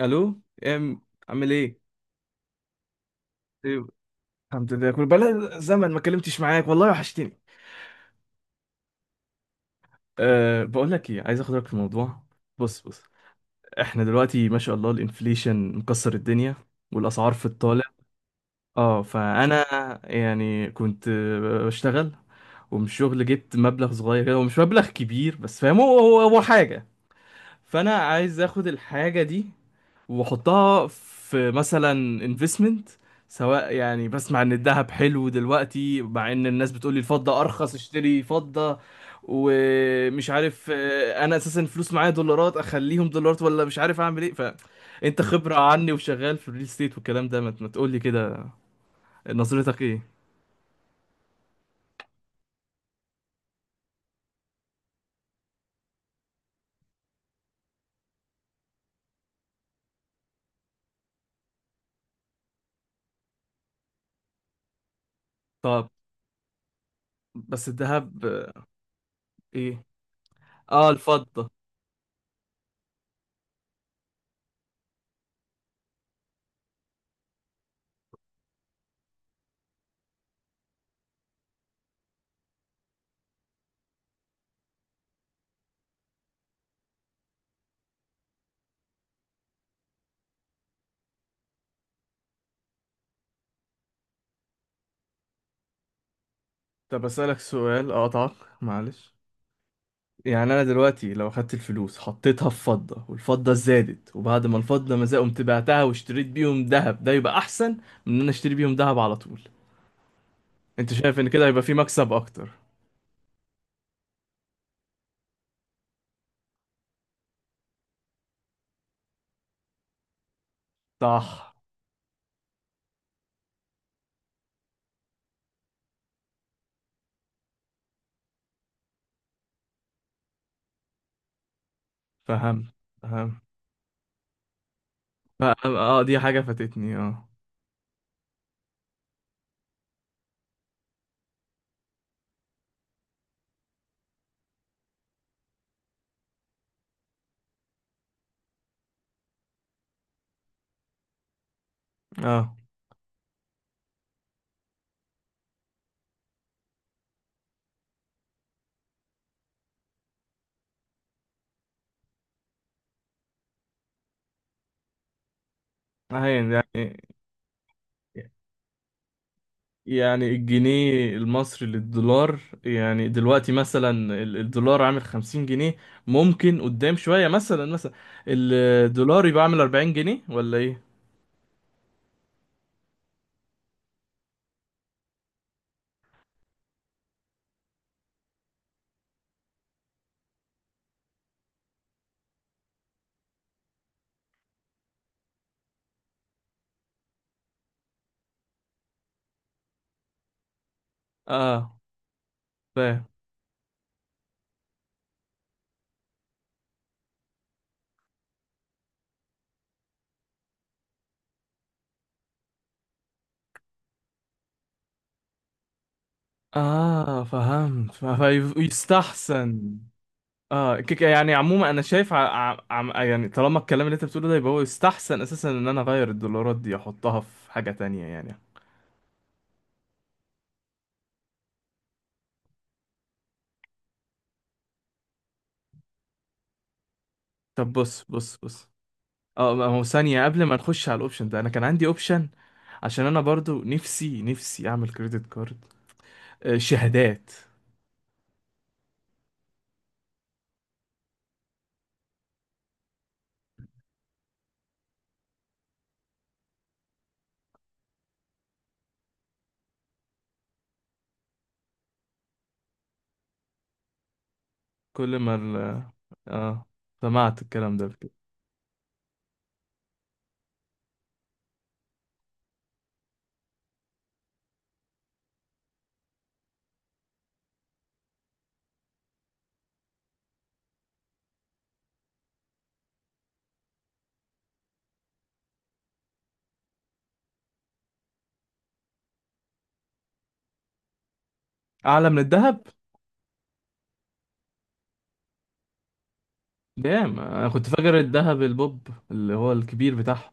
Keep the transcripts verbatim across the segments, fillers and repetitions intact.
الو، ام عامل ايه؟ طيب. الحمد لله، كل بقى زمن ما كلمتش معاك، والله وحشتني. أه، بقول لك ايه، عايز اخد رايك في الموضوع. بص بص، احنا دلوقتي ما شاء الله الانفليشن مكسر الدنيا، والاسعار في الطالع. اه فانا، يعني كنت آه، بشتغل، ومن الشغل جبت مبلغ صغير كده، ومش مبلغ كبير بس، فاهم هو هو هو حاجه. فانا عايز اخد الحاجه دي واحطها في مثلا انفستمنت، سواء يعني بسمع ان الذهب حلو دلوقتي، مع ان الناس بتقولي الفضة ارخص، اشتري فضة. ومش عارف. آه، انا اساسا الفلوس معايا دولارات، اخليهم دولارات ولا مش عارف اعمل ايه. فانت خبرة عني، وشغال في الريل ستيت والكلام ده، ما ما تقولي كده، نظرتك ايه؟ طب بس الذهب. آه، ايه، اه الفضة. طب اسألك سؤال، اقطعك، معلش. يعني انا دلوقتي لو اخدت الفلوس حطيتها في فضة، والفضة زادت، وبعد ما الفضة ما زادت قمت بعتها واشتريت بيهم ذهب، ده يبقى احسن من ان انا اشتري بيهم ذهب على طول؟ انت شايف ان كده هيبقى في مكسب اكتر؟ صح. فهم، فهم، فهم، اه دي حاجة فاتتني، اه. اه هي- يعني، يعني الجنيه المصري للدولار، يعني دلوقتي مثلا ال- الدولار عامل خمسين جنيه، ممكن قدام شوية، مثلا مثلا الدولار يبقى عامل اربعين جنيه ولا ايه؟ اه، فاهم. اه فهمت، ف- فيستحسن. اه ك- ك- يعني عموما انا شايف، ع... ع... عم- يعني طالما الكلام اللي انت بتقوله ده، يبقى هو يستحسن اساسا ان انا اغير الدولارات دي احطها في حاجة تانية يعني. طب بص بص بص، اه ما هو ثانية قبل ما نخش على الاوبشن ده، انا كان عندي اوبشن، عشان انا برضو نفسي نفسي اعمل كريدت كارد، آه شهادات. كل ما ال... اه، سمعت الكلام ده قبل كده. اعلى من الذهب؟ دام انا كنت فاكر الذهب البوب اللي هو الكبير بتاعها.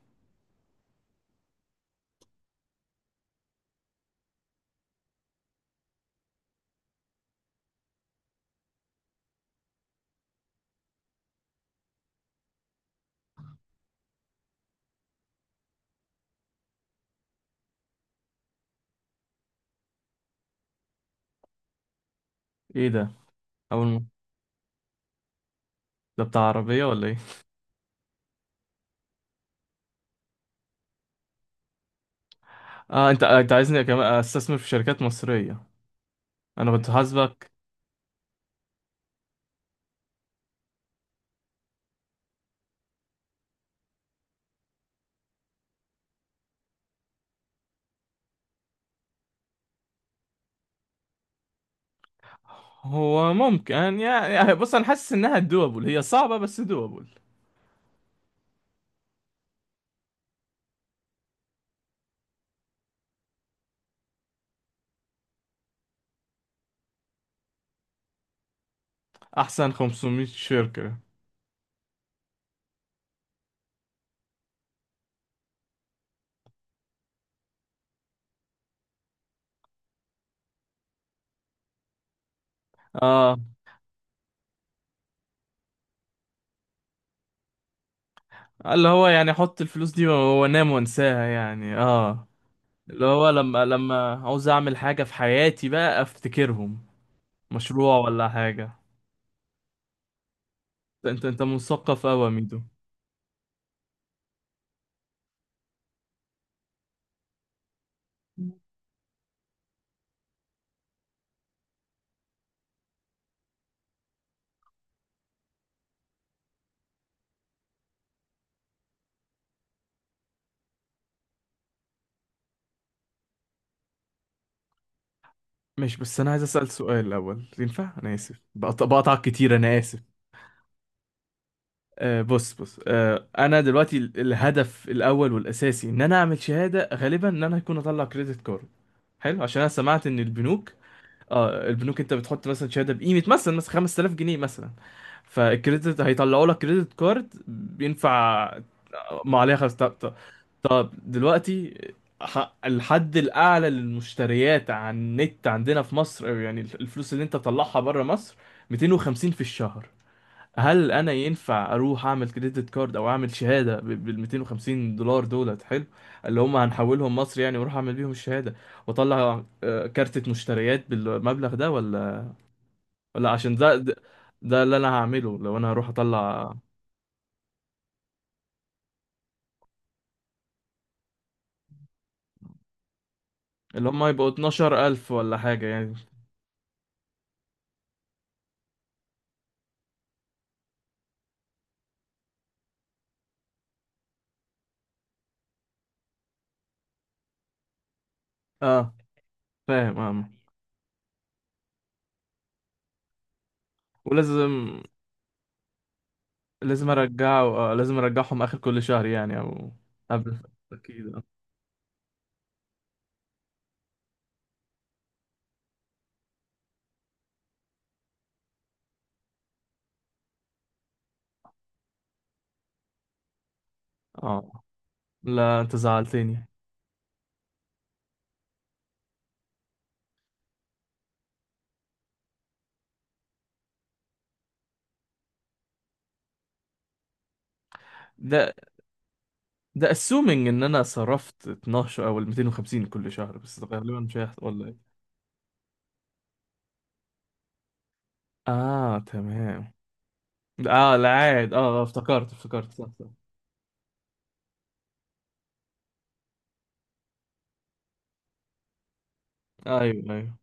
ايه ده؟ اول م- ده بتاع عربية ولا ايه؟ اه، انت انت عايزني كمان استثمر في شركات مصرية، انا كنت حاسبك. هو ممكن يعني، يعني بص انا حاسس انها دوبل، هي صعبة بس دوبل. احسن خمسمية شركة. اه، اللي هو يعني احط الفلوس دي وانام وانساها يعني، اه. اللي هو لما لما عاوز اعمل حاجة في حياتي بقى افتكرهم، مشروع ولا حاجة. انت انت انت مثقف قوي يا ميدو. ماشي، بس انا عايز اسال سؤال الاول، ينفع؟ انا اسف، بقط- بقطعك كتير، انا اسف. آه، بص بص، آه، انا دلوقتي ال- الهدف الاول والاساسي ان انا اعمل شهاده، غالبا ان انا هكون اطلع كريدت كارد حلو، عشان انا سمعت ان البنوك، اه البنوك انت بتحط مثلا شهاده بقيمه مثلا مثلا خمس تلاف جنيه مثلا، فالكريدت هيطلعوا لك كريدت كارد بينفع ما عليها خمس. طب طب، طب دلوقتي، ح- الحد الاعلى للمشتريات على النت عندنا في مصر، أو يعني الفلوس اللي انت تطلعها بره مصر، ميتين وخمسين في الشهر. هل انا ينفع اروح اعمل كريدت كارد او اعمل شهاده بال ميتين وخمسين دولار دولت حلو، اللي هم هنحولهم مصر يعني، واروح اعمل بيهم الشهاده، واطلع آه، كارتة مشتريات بالمبلغ ده؟ ولا ولا عشان ده ده ده اللي انا هعمله لو انا هروح اطلع، اللي هم يبقوا اتناشر الف ولا حاجه يعني. اه فاهم، اه. ولازم لازم ارجعه آه لازم ارجعهم اخر كل شهر يعني، او قبل، اكيد، اه. آه. لا، انت زعلتني. ده ده assuming ان انا صرفت اتناشر او ال ميتين وخمسين كل شهر، بس ده غالبا مش هيحصل ولا ايه؟ اه تمام. اه العائد، اه، آه، افتكرت افتكرت، صح صح. ايوه ايوه.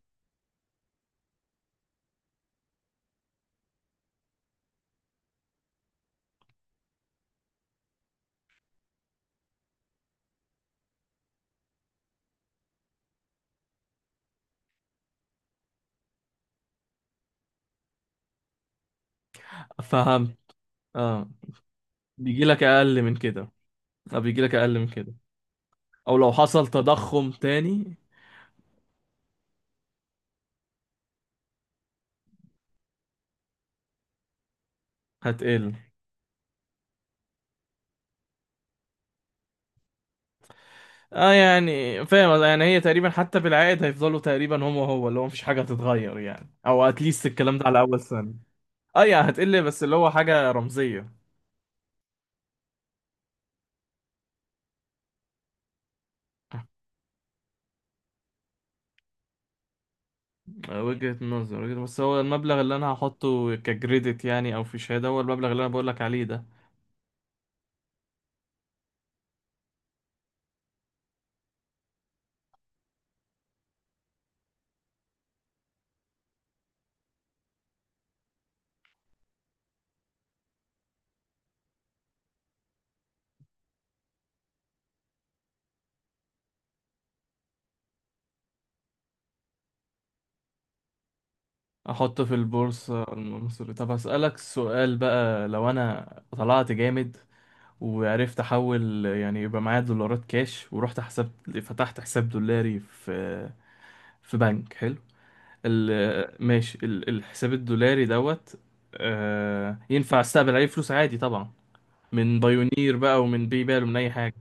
فهمت. اه بيجي لك اقل من كده اه بيجي لك اقل من كده، او لو حصل تضخم تاني. هتقل، اه يعني فاهم، يعني هي تقريبا حتى بالعائد هيفضلوا تقريبا هم، هو اللي هو مفيش حاجة هتتغير يعني، او اتليست الكلام ده على اول سنة. اه يعني هتقل بس اللي هو حاجة رمزية. آه، وجهة نظر، وجهة- بس هو المبلغ اللي انا هحطه ككريدت يعني، او في شهادة، هو المبلغ اللي انا بقولك عليه ده. احطه في البورصة المصرية. طب هسألك سؤال بقى، لو انا طلعت جامد وعرفت احول يعني، يبقى معايا دولارات كاش ورحت حساب، فتحت حساب دولاري في في بنك حلو، ال- ماشي، ال- الحساب الدولاري دوت، آه، ينفع استقبل عليه فلوس عادي طبعا، من بايونير بقى، ومن باي بال، ومن اي حاجة.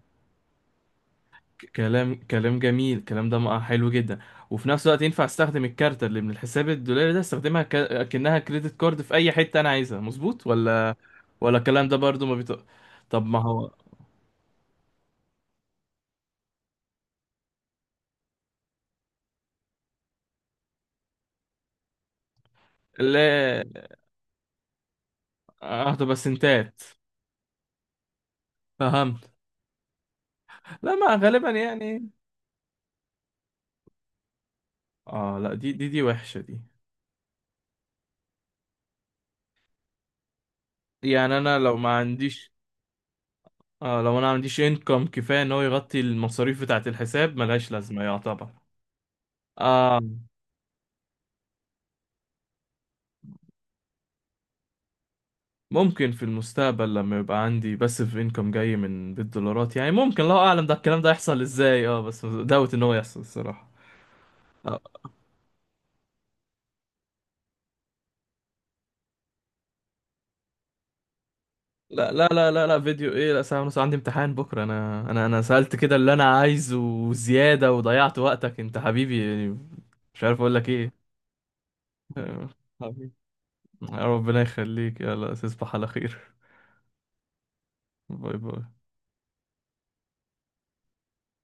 كلام كلام جميل، الكلام ده مع- حلو جدا، وفي نفس الوقت ينفع استخدم الكارت اللي من الحساب الدولاري ده، استخدمها ك... كأنها كريدت كارد في اي حتة انا عايزها، مظبوط ولا؟ ولا الكلام ده برضو ما بيط... طب ما هو، لا، اه طب سنتات. فهمت. لا، ما غالبا يعني. اه لا، دي دي دي وحشة دي. يعني انا لو ما عنديش، اه لو انا ما عنديش انكم كفاية ان هو يغطي المصاريف بتاعة الحساب ملهاش لازمة يعتبر. اه ممكن في المستقبل لما يبقى عندي باسيف انكم جاي من بالدولارات يعني، ممكن، الله اعلم ده الكلام ده يحصل ازاي، اه بس دوت ان هو يحصل الصراحه. آه، لا لا لا لا لا، فيديو ايه، لا ساعه ونص، عندي امتحان بكره، انا انا انا سالت كده اللي انا عايزه وزياده، وضيعت وقتك انت حبيبي يعني، مش عارف اقول لك ايه. آه، حبيبي، ربنا يخليك، يلا تصبح على خير. باي باي.